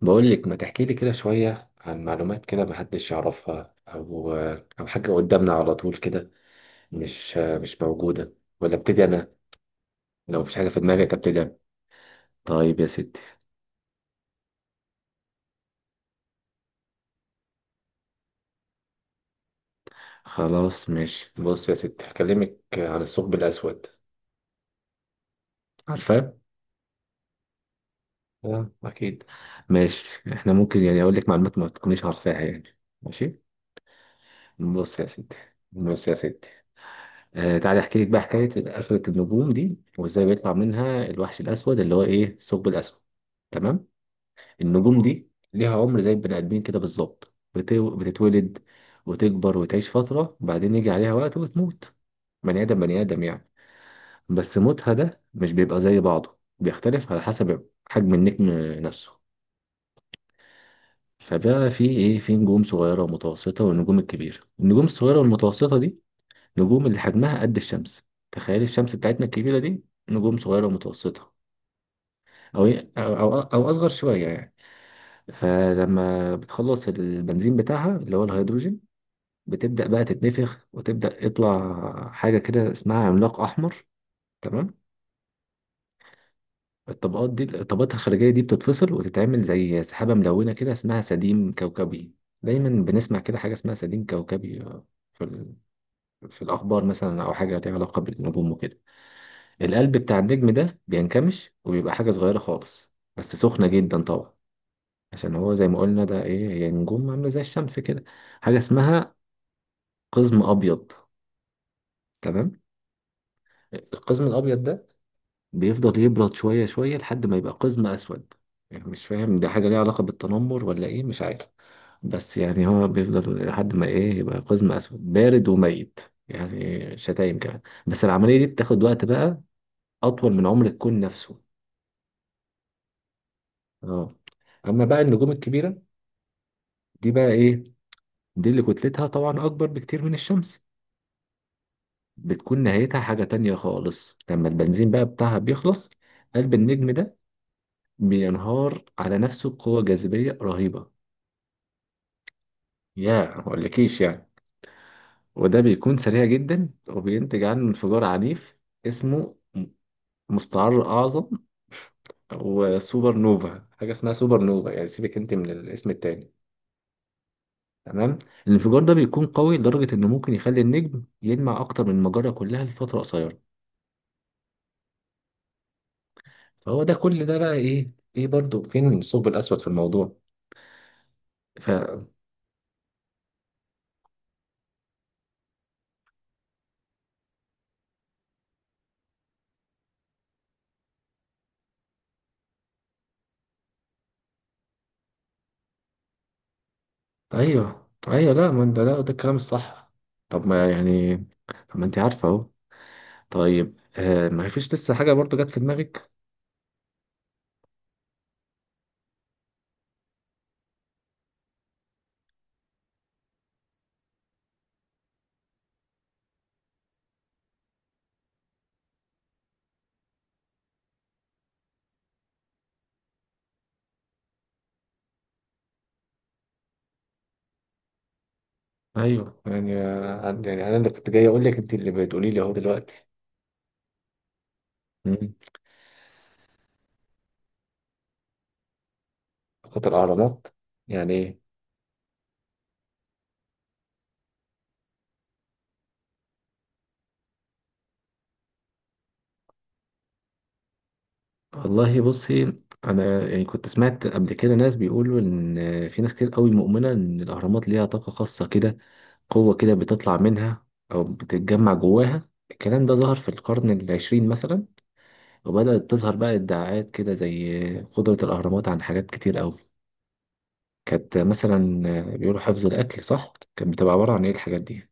بقول لك ما تحكي لي كده شوية عن معلومات كده ما حدش يعرفها أو حاجة قدامنا على طول كده. مش موجودة، ولا ابتدي أنا؟ لو مفيش حاجة في دماغي ابتدي أنا. طيب يا ستي، خلاص ماشي، بص يا ستي، هكلمك عن الثقب الأسود. عارفاه؟ اه أكيد. ماشي، إحنا ممكن يعني أقول لك معلومات ما تكونيش عارفاها يعني، ماشي. بص يا ستي بص يا ستي. تعالي احكي لك بقى حكايه اخره النجوم دي وازاي بيطلع منها الوحش الاسود اللي هو ايه الثقب الاسود. تمام. النجوم دي ليها عمر زي البني ادمين كده بالظبط، بتتولد وتكبر وتعيش فتره، بعدين يجي عليها وقت وتموت. بني ادم بني ادم يعني. بس موتها ده مش بيبقى زي بعضه، بيختلف على حسب حجم النجم نفسه. فبقى في ايه، في نجوم صغيره ومتوسطه والنجوم الكبيره. النجوم الصغيره والمتوسطه دي نجوم اللي حجمها قد الشمس. تخيل الشمس بتاعتنا الكبيرة دي، نجوم صغيرة ومتوسطة أو أصغر شوية يعني. فلما بتخلص البنزين بتاعها اللي هو الهيدروجين، بتبدأ بقى تتنفخ وتبدأ يطلع حاجة كده اسمها عملاق أحمر. تمام. الطبقات دي، الطبقات الخارجية دي، بتتفصل وتتعمل زي سحابة ملونة كده اسمها سديم كوكبي. دايما بنسمع كده حاجة اسمها سديم كوكبي في ال- في الأخبار مثلا، أو حاجة ليها علاقة بالنجوم وكده. القلب بتاع النجم ده بينكمش وبيبقى حاجة صغيرة خالص، بس سخنة جدا طبعا، عشان هو زي ما قلنا ده ايه، هي نجوم عاملة زي الشمس كده. حاجة اسمها قزم أبيض. تمام. القزم الأبيض ده بيفضل يبرد شوية شوية لحد ما يبقى قزم أسود. يعني مش فاهم ده حاجة ليها علاقة بالتنمر ولا ايه، مش عارف. بس يعني هو بيفضل لحد ما ايه يبقى قزم أسود بارد وميت. يعني شتايم كمان. بس العملية دي بتاخد وقت بقى، أطول من عمر الكون نفسه. اه. أما بقى النجوم الكبيرة، دي بقى ايه، دي اللي كتلتها طبعا اكبر بكتير من الشمس، بتكون نهايتها حاجة تانية خالص لما البنزين بقى بتاعها بيخلص. قلب النجم ده بينهار على نفسه بقوة جاذبية رهيبة. يا مقولكيش يعني. وده بيكون سريع جدا وبينتج عنه انفجار عنيف اسمه مستعر أعظم. وسوبر نوفا، حاجة اسمها سوبر نوفا، يعني سيبك انت من الاسم التاني. تمام. الانفجار ده بيكون قوي لدرجة انه ممكن يخلي النجم يلمع اكتر من المجرة كلها لفترة قصيرة. فهو ده كل ده بقى ايه، ايه برضو فين الثقب الاسود في الموضوع؟ ف ايوه ايوه، لا ما انت، لا ده الكلام الصح. طب ما يعني، طب ما انت عارفه اهو. طيب آه، ما فيش لسه حاجه برضو جت في دماغك؟ ايوه يعني، يعني انا اللي كنت جاي اقول لك انت اللي بتقولي لي اهو دلوقتي. مم. فقط الاهرامات، يعني ايه؟ والله بصي، انا يعني كنت سمعت قبل كده ناس بيقولوا ان في ناس كتير قوي مؤمنه ان الاهرامات ليها طاقه خاصه كده، قوة كده بتطلع منها أو بتتجمع جواها. الكلام ده ظهر في القرن العشرين مثلا، وبدأت تظهر بقى ادعاءات كده زي قدرة الأهرامات عن حاجات كتير أوي. كانت مثلا بيقولوا حفظ الأكل، صح؟ كانت بتبقى عبارة عن إيه الحاجات دي؟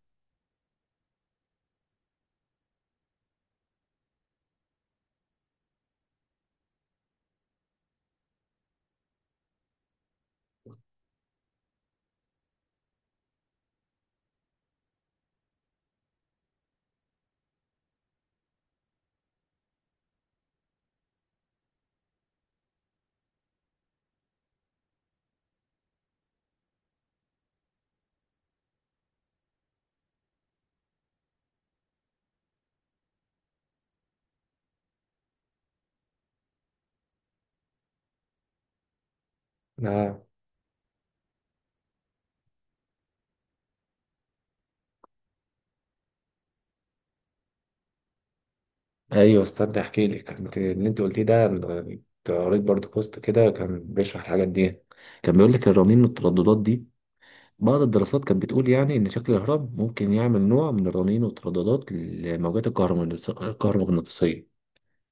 آه. ايوه استنى احكي لك، انت اللي انت قلتيه ده أنا كنت قريت برضه بوست كده كان بيشرح الحاجات دي. كان بيقول لك الرنين والترددات دي، بعض الدراسات كانت بتقول يعني إن شكل الهرم ممكن يعمل نوع من الرنين والترددات للموجات الكهرومغناطيسية.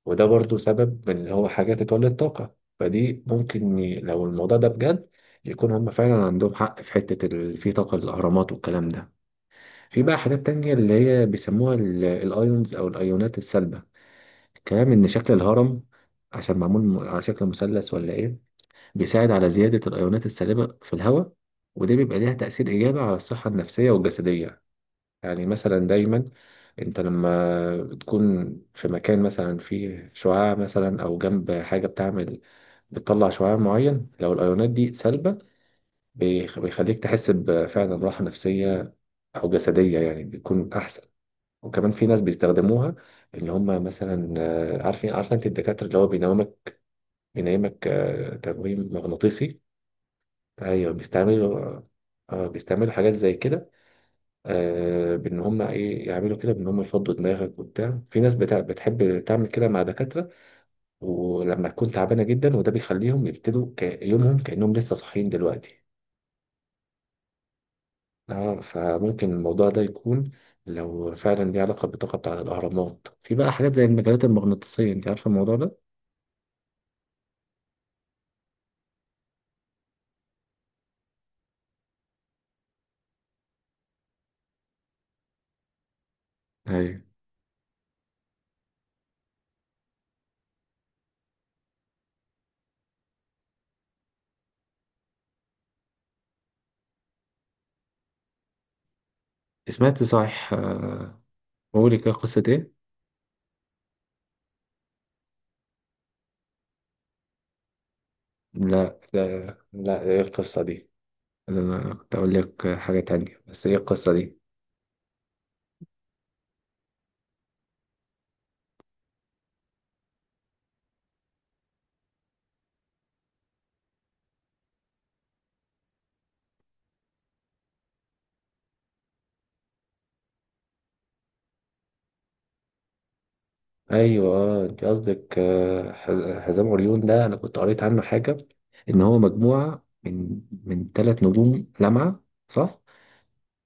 وده برضو سبب من اللي هو حاجة تتولد طاقة، فدي ممكن لو الموضوع ده بجد يكون هم فعلا عندهم حق في حتة في طاقة الأهرامات والكلام ده. في بقى حاجات تانية اللي هي بيسموها الأيونز أو الأيونات السلبة. الكلام إن شكل الهرم، عشان معمول على شكل مثلث ولا إيه، بيساعد على زيادة الأيونات السالبة في الهواء، وده بيبقى ليها تأثير إيجابي على الصحة النفسية والجسدية. يعني مثلا دايما انت لما تكون في مكان مثلا فيه شعاع، مثلا او جنب حاجه بتعمل بتطلع شعاع معين، لو الايونات دي سلبه بيخليك تحس بفعلا راحه نفسيه او جسديه يعني، بيكون احسن. وكمان في ناس بيستخدموها، ان هم مثلا عارفين عارفه انت الدكاتره اللي هو بينامك، بينامك تنويم مغناطيسي. ايوه بيستعملوا، اه بيستعملوا حاجات زي كده، بان هم ايه يعملوا كده، بان هم يفضوا دماغك وبتاع. في ناس بتاع بتحب تعمل كده مع دكاتره ولما تكون تعبانه جدا، وده بيخليهم يبتدوا يومهم كانهم لسه صاحيين دلوقتي. اه، فممكن الموضوع ده يكون لو فعلا ليه علاقه بالطاقه بتاع الاهرامات. في بقى حاجات زي المجالات المغناطيسيه، انت عارفه الموضوع ده؟ ايوه سمعت، صحيح بقول لك إيه، قصه ايه؟ لا لا لا، ايه القصه دي؟ انا كنت اقول لك حاجه تانية، بس ايه القصه دي؟ ايوه اه، انت قصدك حزام عريون ده، انا كنت قريت عنه حاجه ان هو مجموعه من ثلاث نجوم لامعه، صح؟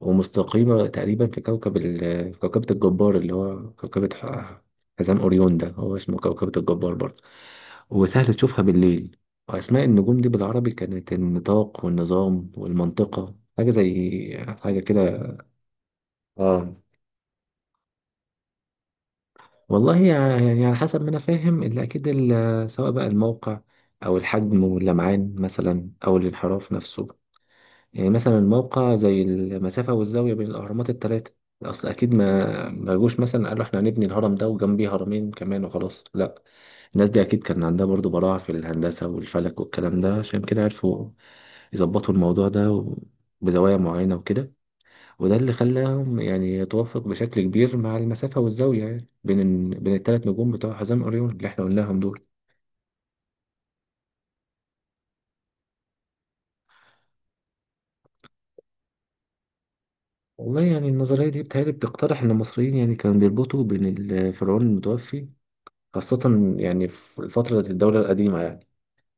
ومستقيمه تقريبا في كوكب في كوكبه الجبار اللي هو كوكبه حزام اوريون ده، هو اسمه كوكبه الجبار برضه، وسهل تشوفها بالليل. واسماء النجوم دي بالعربي كانت النطاق والنظام والمنطقه، حاجه زي حاجه كده. اه والله يعني على حسب ما انا فاهم اللي اكيد سواء بقى الموقع او الحجم واللمعان مثلا او الانحراف نفسه. يعني مثلا الموقع زي المسافه والزاويه بين الاهرامات الثلاثه. اصل اكيد ما جوش مثلا قالوا احنا هنبني الهرم ده وجنبيه هرمين كمان وخلاص، لا. الناس دي اكيد كان عندها برضو براعه في الهندسه والفلك والكلام ده، عشان كده عرفوا يظبطوا الموضوع ده بزوايا معينه وكده. وده اللي خلاهم يعني يتوافق بشكل كبير مع المسافة والزاوية يعني بين بين الثلاث نجوم بتوع حزام أوريون اللي احنا قلناهم دول. والله يعني النظرية دي بتهيألي بتقترح إن المصريين يعني كانوا بيربطوا بين الفرعون المتوفي، خاصة يعني في فترة الدولة القديمة يعني،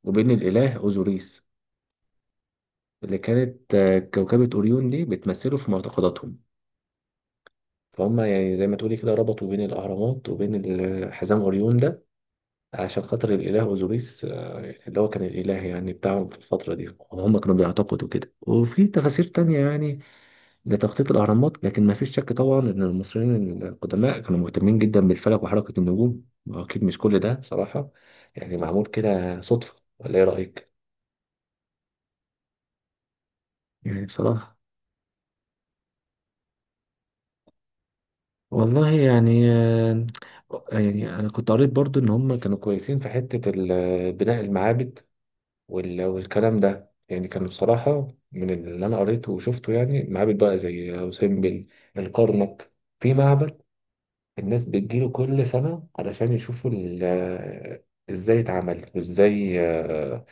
وبين الإله أوزوريس اللي كانت كوكبة أوريون دي بتمثله في معتقداتهم. فهم يعني زي ما تقولي كده ربطوا بين الأهرامات وبين حزام أوريون ده عشان خاطر الإله أوزوريس، يعني اللي هو كان الإله يعني بتاعهم في الفترة دي وهم كانوا بيعتقدوا كده. وفي تفاسير تانية يعني لتخطيط الأهرامات، لكن ما فيش شك طبعا إن المصريين القدماء كانوا مهتمين جدا بالفلك وحركة النجوم، وأكيد مش كل ده بصراحة يعني معمول كده صدفة، ولا إيه رأيك؟ يعني بصراحة. والله يعني يعني أنا كنت قريت برضو إن هم كانوا كويسين في حتة بناء المعابد والكلام ده يعني. كان بصراحة من اللي أنا قريته وشفته يعني معابد بقى زي أوسمبل، الكرنك، في معبد الناس بتجيله كل سنة علشان يشوفوا ازاي اتعمل، وازاي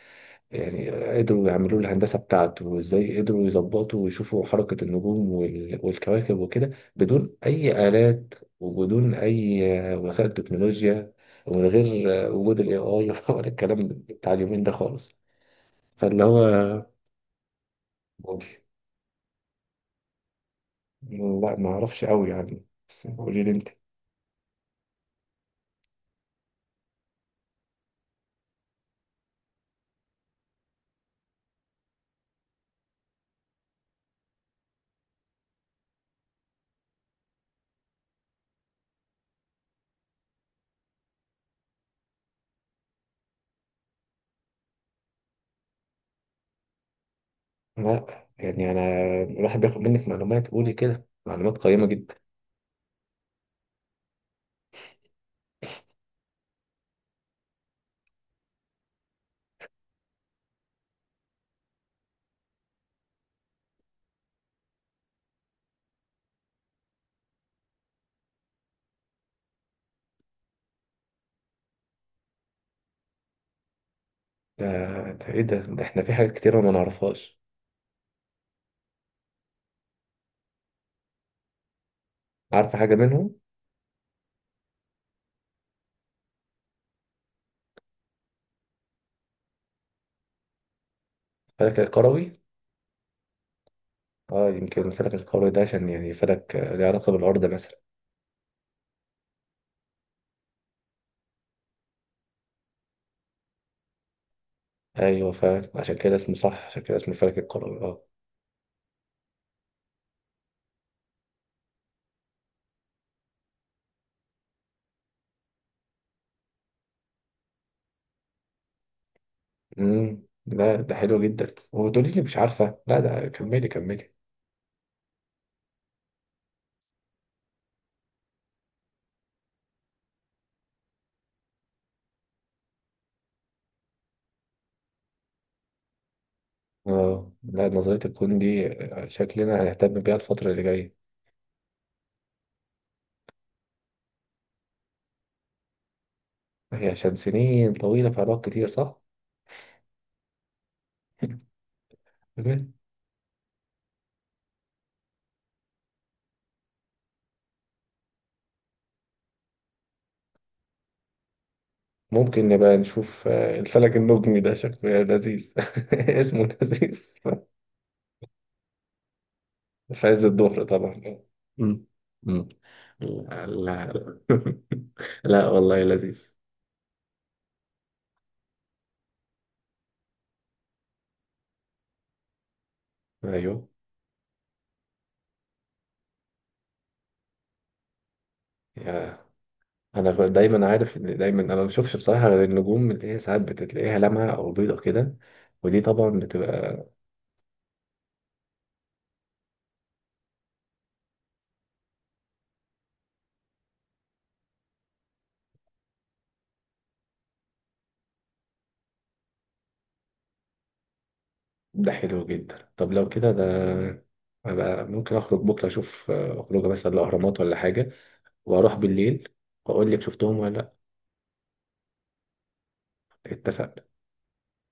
يعني قدروا يعملوا له الهندسة بتاعته، وازاي قدروا يظبطوا ويشوفوا حركة النجوم والكواكب وكده بدون أي آلات، وبدون أي وسائل تكنولوجيا، ومن غير وجود ال AI ولا الكلام بتاع اليومين ده خالص. فاللي هو قولي. لا ما اعرفش قوي يعني، بس قولي لي انت. لا يعني انا الواحد بياخد منك معلومات، قولي كده معلومات قيمة جدا. ده, ده ايه ده احنا في حاجات كتيرة ما نعرفهاش. عارفة حاجة منهم؟ الفلك الكروي. اه يمكن الفلك الكروي ده عشان يعني فلك له علاقة بالأرض مثلا. ايوه فعشان كده اسمه صح، عشان كده اسمه الفلك الكروي اه. امم، لا ده حلو جدا وتقولي لي مش عارفة، لا ده كملي كملي. اه لا نظرية الكون دي شكلنا هنهتم بيها الفترة اللي جاية. هي عشان سنين طويلة في علاقات كتير، صح؟ تمام. ممكن نبقى نشوف الفلك النجمي ده شكله لذيذ. اسمه لذيذ. في عز الظهر طبعا. مم. مم. لا لا. لا والله لذيذ. ايوه. يا، انا دايما عارف ان دايما انا ما بشوفش بصراحه غير النجوم اللي هي ساعات بتلاقيها لمعه او بيضه كده، ودي طبعا بتبقى. ده حلو جدا، طب لو كده ده أبقى ممكن اخرج بكره اشوف اخرج مثلا الاهرامات ولا حاجه، واروح بالليل واقول لك شفتهم ولا لا. اتفقنا.